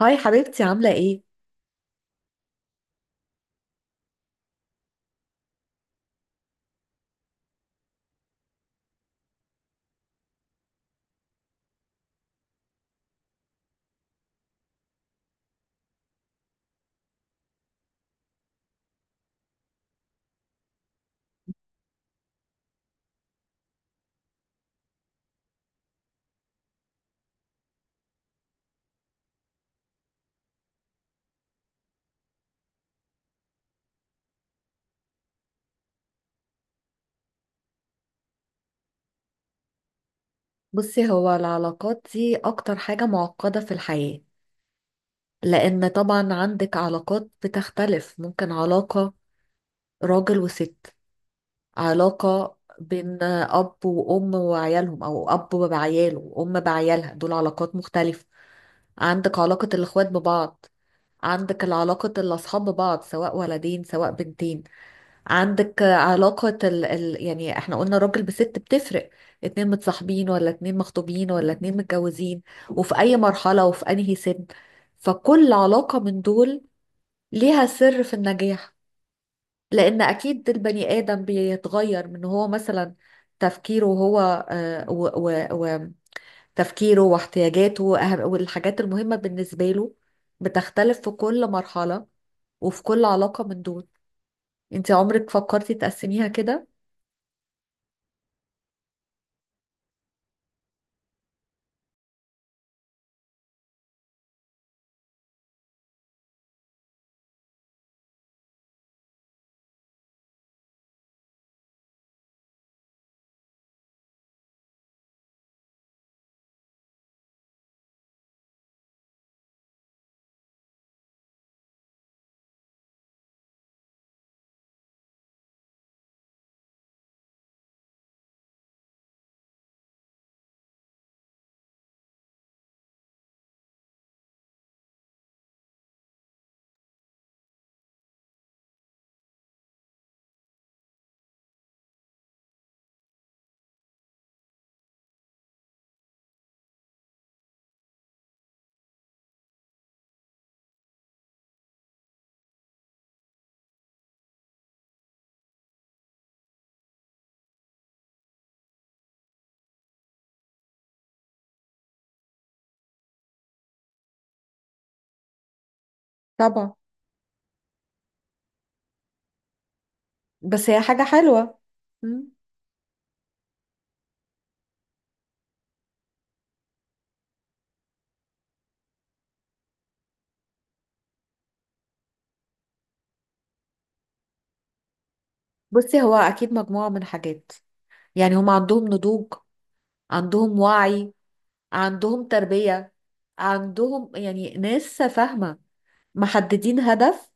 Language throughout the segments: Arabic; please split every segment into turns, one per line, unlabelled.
هاي حبيبتي عاملة ايه؟ بصي، هو العلاقات دي أكتر حاجة معقدة في الحياة. لأن طبعا عندك علاقات بتختلف، ممكن علاقة راجل وست، علاقة بين أب وأم وعيالهم، أو أب بعياله وأم بعيالها. دول علاقات مختلفة. عندك علاقة الإخوات ببعض. عندك العلاقة الأصحاب ببعض، سواء ولدين سواء بنتين. عندك علاقة يعني احنا قلنا راجل بست بتفرق. اتنين متصاحبين، ولا اتنين مخطوبين، ولا اتنين متجوزين، وفي اي مرحلة وفي انهي سن. فكل علاقة من دول ليها سر في النجاح. لان اكيد البني ادم بيتغير، من هو مثلا تفكيره هو، آه، و... و... وتفكيره واحتياجاته والحاجات المهمة بالنسبة له بتختلف في كل مرحلة وفي كل علاقة من دول. انت عمرك فكرتي تقسميها كده؟ طبعا، بس هي حاجة حلوة. مم. بصي، هو أكيد مجموعة من حاجات. يعني هم عندهم نضوج، عندهم وعي، عندهم تربية، عندهم يعني ناس فاهمة، محددين هدف،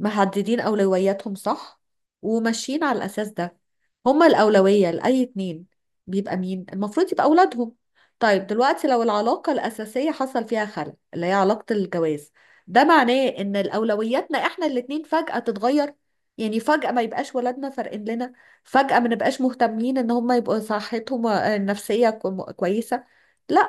محددين أولوياتهم صح، وماشيين على الأساس ده. هما الأولوية لأي اتنين بيبقى مين؟ المفروض يبقى أولادهم. طيب دلوقتي، لو العلاقة الأساسية حصل فيها خلل، اللي هي علاقة الجواز، ده معناه إن الأولوياتنا إحنا الاتنين فجأة تتغير. يعني فجأة ما يبقاش ولادنا فارقين لنا، فجأة ما نبقاش مهتمين إن هما يبقوا صحتهم النفسية كويسة. لا.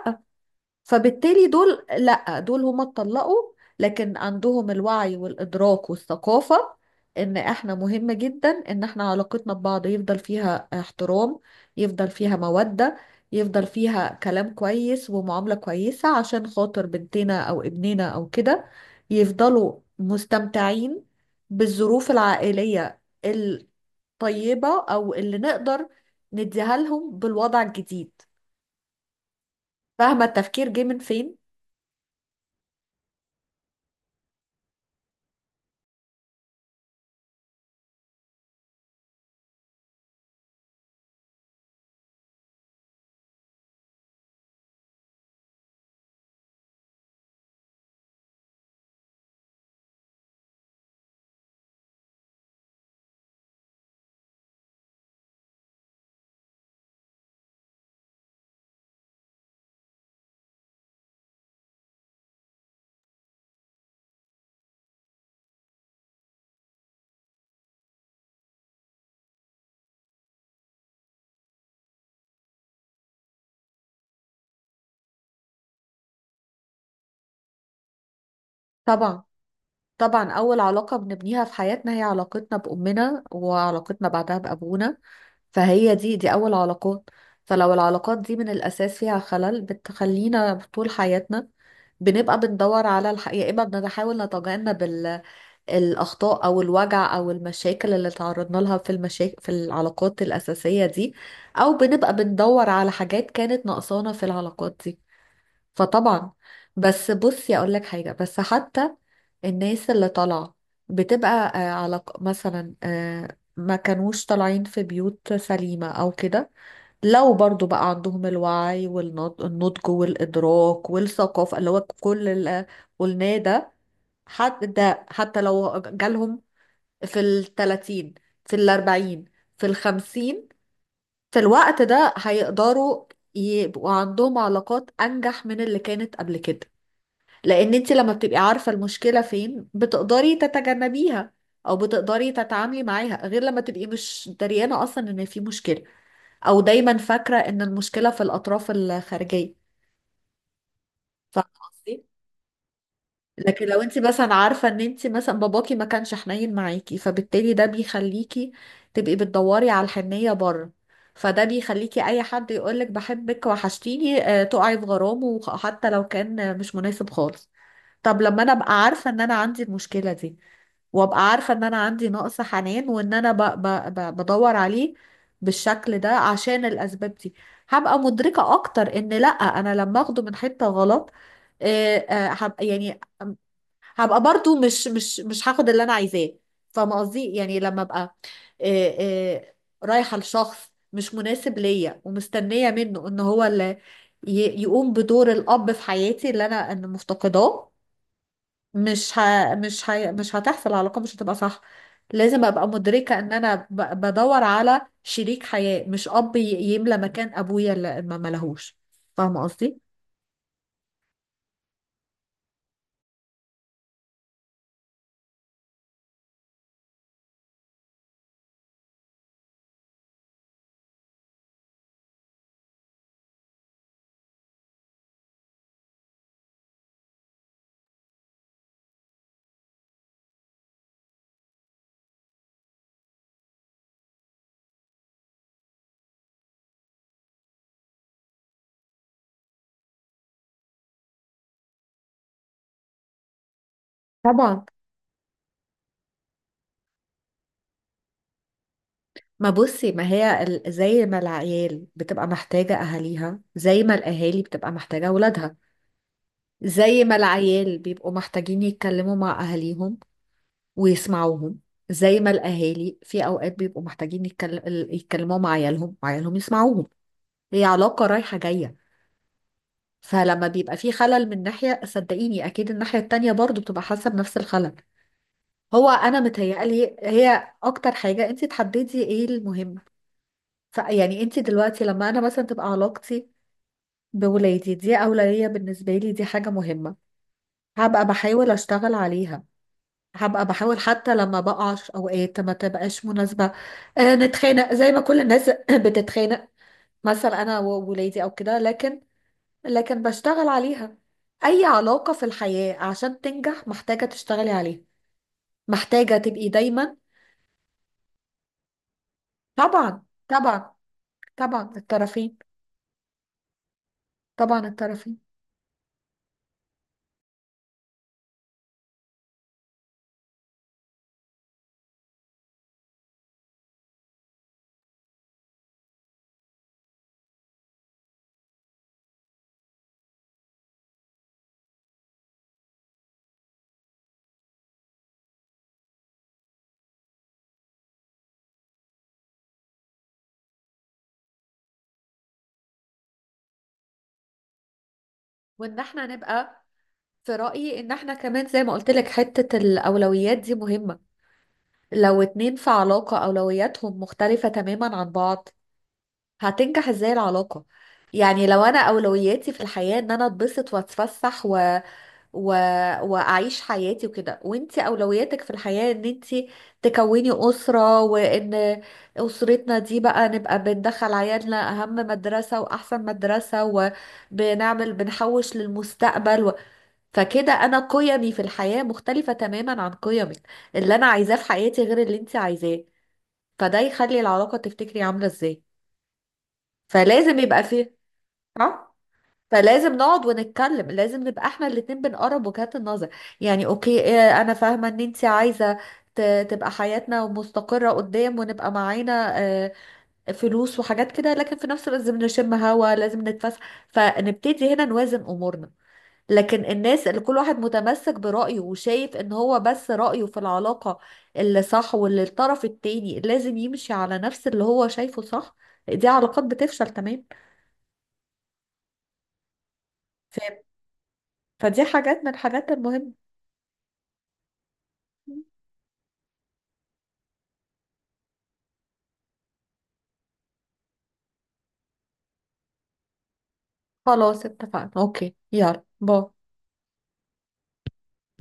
فبالتالي دول، لا دول هما اتطلقوا، لكن عندهم الوعي والإدراك والثقافة إن إحنا مهم جدا إن إحنا علاقتنا ببعض يفضل فيها احترام، يفضل فيها مودة، يفضل فيها كلام كويس ومعاملة كويسة عشان خاطر بنتنا أو ابننا أو كده، يفضلوا مستمتعين بالظروف العائلية الطيبة، أو اللي نقدر نديها لهم بالوضع الجديد. فاهمة التفكير جه من فين؟ طبعا. طبعا، أول علاقة بنبنيها في حياتنا هي علاقتنا بأمنا، وعلاقتنا بعدها بأبونا. فهي دي أول علاقات. فلو العلاقات دي من الأساس فيها خلل، بتخلينا طول حياتنا بنبقى بندور على يا إما بنحاول نتجنب الأخطاء أو الوجع أو المشاكل اللي تعرضنا لها في المشاكل في العلاقات الأساسية دي، أو بنبقى بندور على حاجات كانت ناقصانا في العلاقات دي. فطبعا. بس بصي اقول لك حاجه، بس حتى الناس اللي طالعه بتبقى على مثلا، ما كانوش طالعين في بيوت سليمه او كده، لو برضو بقى عندهم الوعي والنضج والإدراك والثقافة اللي هو كل اللي قلناه ده، حتى ده، حتى لو جالهم في التلاتين، في الأربعين، في الخمسين، في الوقت ده هيقدروا يبقوا عندهم علاقات أنجح من اللي كانت قبل كده. لان انت لما بتبقي عارفة المشكلة فين، بتقدري تتجنبيها، او بتقدري تتعاملي معاها، غير لما تبقي مش دريانة اصلا ان في مشكلة، او دايما فاكرة ان المشكلة في الاطراف الخارجية. فاهمة قصدي؟ لكن لو انت مثلا عارفة ان انت مثلا باباكي ما كانش حنين معاكي، فبالتالي ده بيخليكي تبقي بتدوري على الحنية بره. فده بيخليكي اي حد يقولك بحبك وحشتيني، تقعي في غرامه، حتى لو كان مش مناسب خالص. طب لما انا ابقى عارفة ان انا عندي المشكلة دي، وابقى عارفة ان انا عندي نقص حنان، وان انا ب ب ب بدور عليه بالشكل ده عشان الاسباب دي، هبقى مدركة اكتر ان لا، انا لما اخده من حتة غلط، هبقى يعني، هبقى برضو مش هاخد اللي انا عايزاه. فاهمة قصدي؟ يعني لما ابقى آه، آه، رايحة لشخص مش مناسب ليا، ومستنية منه ان هو اللي يقوم بدور الاب في حياتي اللي انا أنا مفتقداه، مش هتحصل العلاقة، مش هتبقى صح. لازم ابقى مدركة ان انا بدور على شريك حياة مش اب يملى مكان ابويا اللي ما ملهوش. فاهمة قصدي؟ طبعا. ما بصي، ما هي زي ما العيال بتبقى محتاجة اهاليها، زي ما الاهالي بتبقى محتاجة اولادها، زي ما العيال بيبقوا محتاجين يتكلموا مع اهاليهم ويسمعوهم، زي ما الاهالي في اوقات بيبقوا محتاجين يتكلموا مع عيالهم وعيالهم يسمعوهم. هي علاقة رايحة جاية. فلما بيبقى في خلل من ناحية، صدقيني أكيد الناحية التانية برضو بتبقى حاسة بنفس الخلل. هو أنا متهيألي هي أكتر حاجة أنت تحددي إيه المهم. يعني أنت دلوقتي لما أنا مثلا تبقى علاقتي بولادي دي أولوية بالنسبة لي، دي حاجة مهمة، هبقى بحاول أشتغل عليها، هبقى بحاول حتى لما بقع في أوقات ما تبقاش مناسبة، نتخانق زي ما كل الناس بتتخانق مثلا، أنا وولادي أو كده، لكن لكن بشتغل عليها. أي علاقة في الحياة عشان تنجح محتاجة تشتغلي عليها، محتاجة تبقي دايما. طبعا طبعا طبعا الطرفين طبعا الطرفين. وإن احنا نبقى، في رأيي إن احنا كمان زي ما قلت لك حتة الأولويات دي مهمة. لو اتنين في علاقة أولوياتهم مختلفة تماما عن بعض، هتنجح ازاي العلاقة؟ يعني لو أنا أولوياتي في الحياة إن أنا أتبسط وأتفسح و... واعيش حياتي وكده، وانت اولوياتك في الحياة ان انت تكوني اسرة، وان اسرتنا دي بقى نبقى بندخل عيالنا اهم مدرسة واحسن مدرسة، وبنعمل بنحوش للمستقبل فكده انا قيمي في الحياة مختلفة تماما عن قيمك. اللي انا عايزاه في حياتي غير اللي انت عايزاه. فده يخلي العلاقة تفتكري عاملة ازاي؟ فلازم يبقى فيه. ها فلازم نقعد ونتكلم، لازم نبقى احنا الاتنين بنقرب وجهات النظر. يعني اوكي، انا فاهمة ان انت عايزة تبقى حياتنا مستقرة قدام، ونبقى معانا فلوس وحاجات كده، لكن في نفس الوقت لازم نشم هوا، لازم نتفسح، فنبتدي هنا نوازن امورنا. لكن الناس اللي كل واحد متمسك برأيه وشايف ان هو بس رأيه في العلاقة اللي صح، واللي الطرف التاني لازم يمشي على نفس اللي هو شايفه صح، دي علاقات بتفشل تمام. ف- فدي حاجات من الحاجات المهمة. خلاص اتفقنا، اوكي، يلا باي.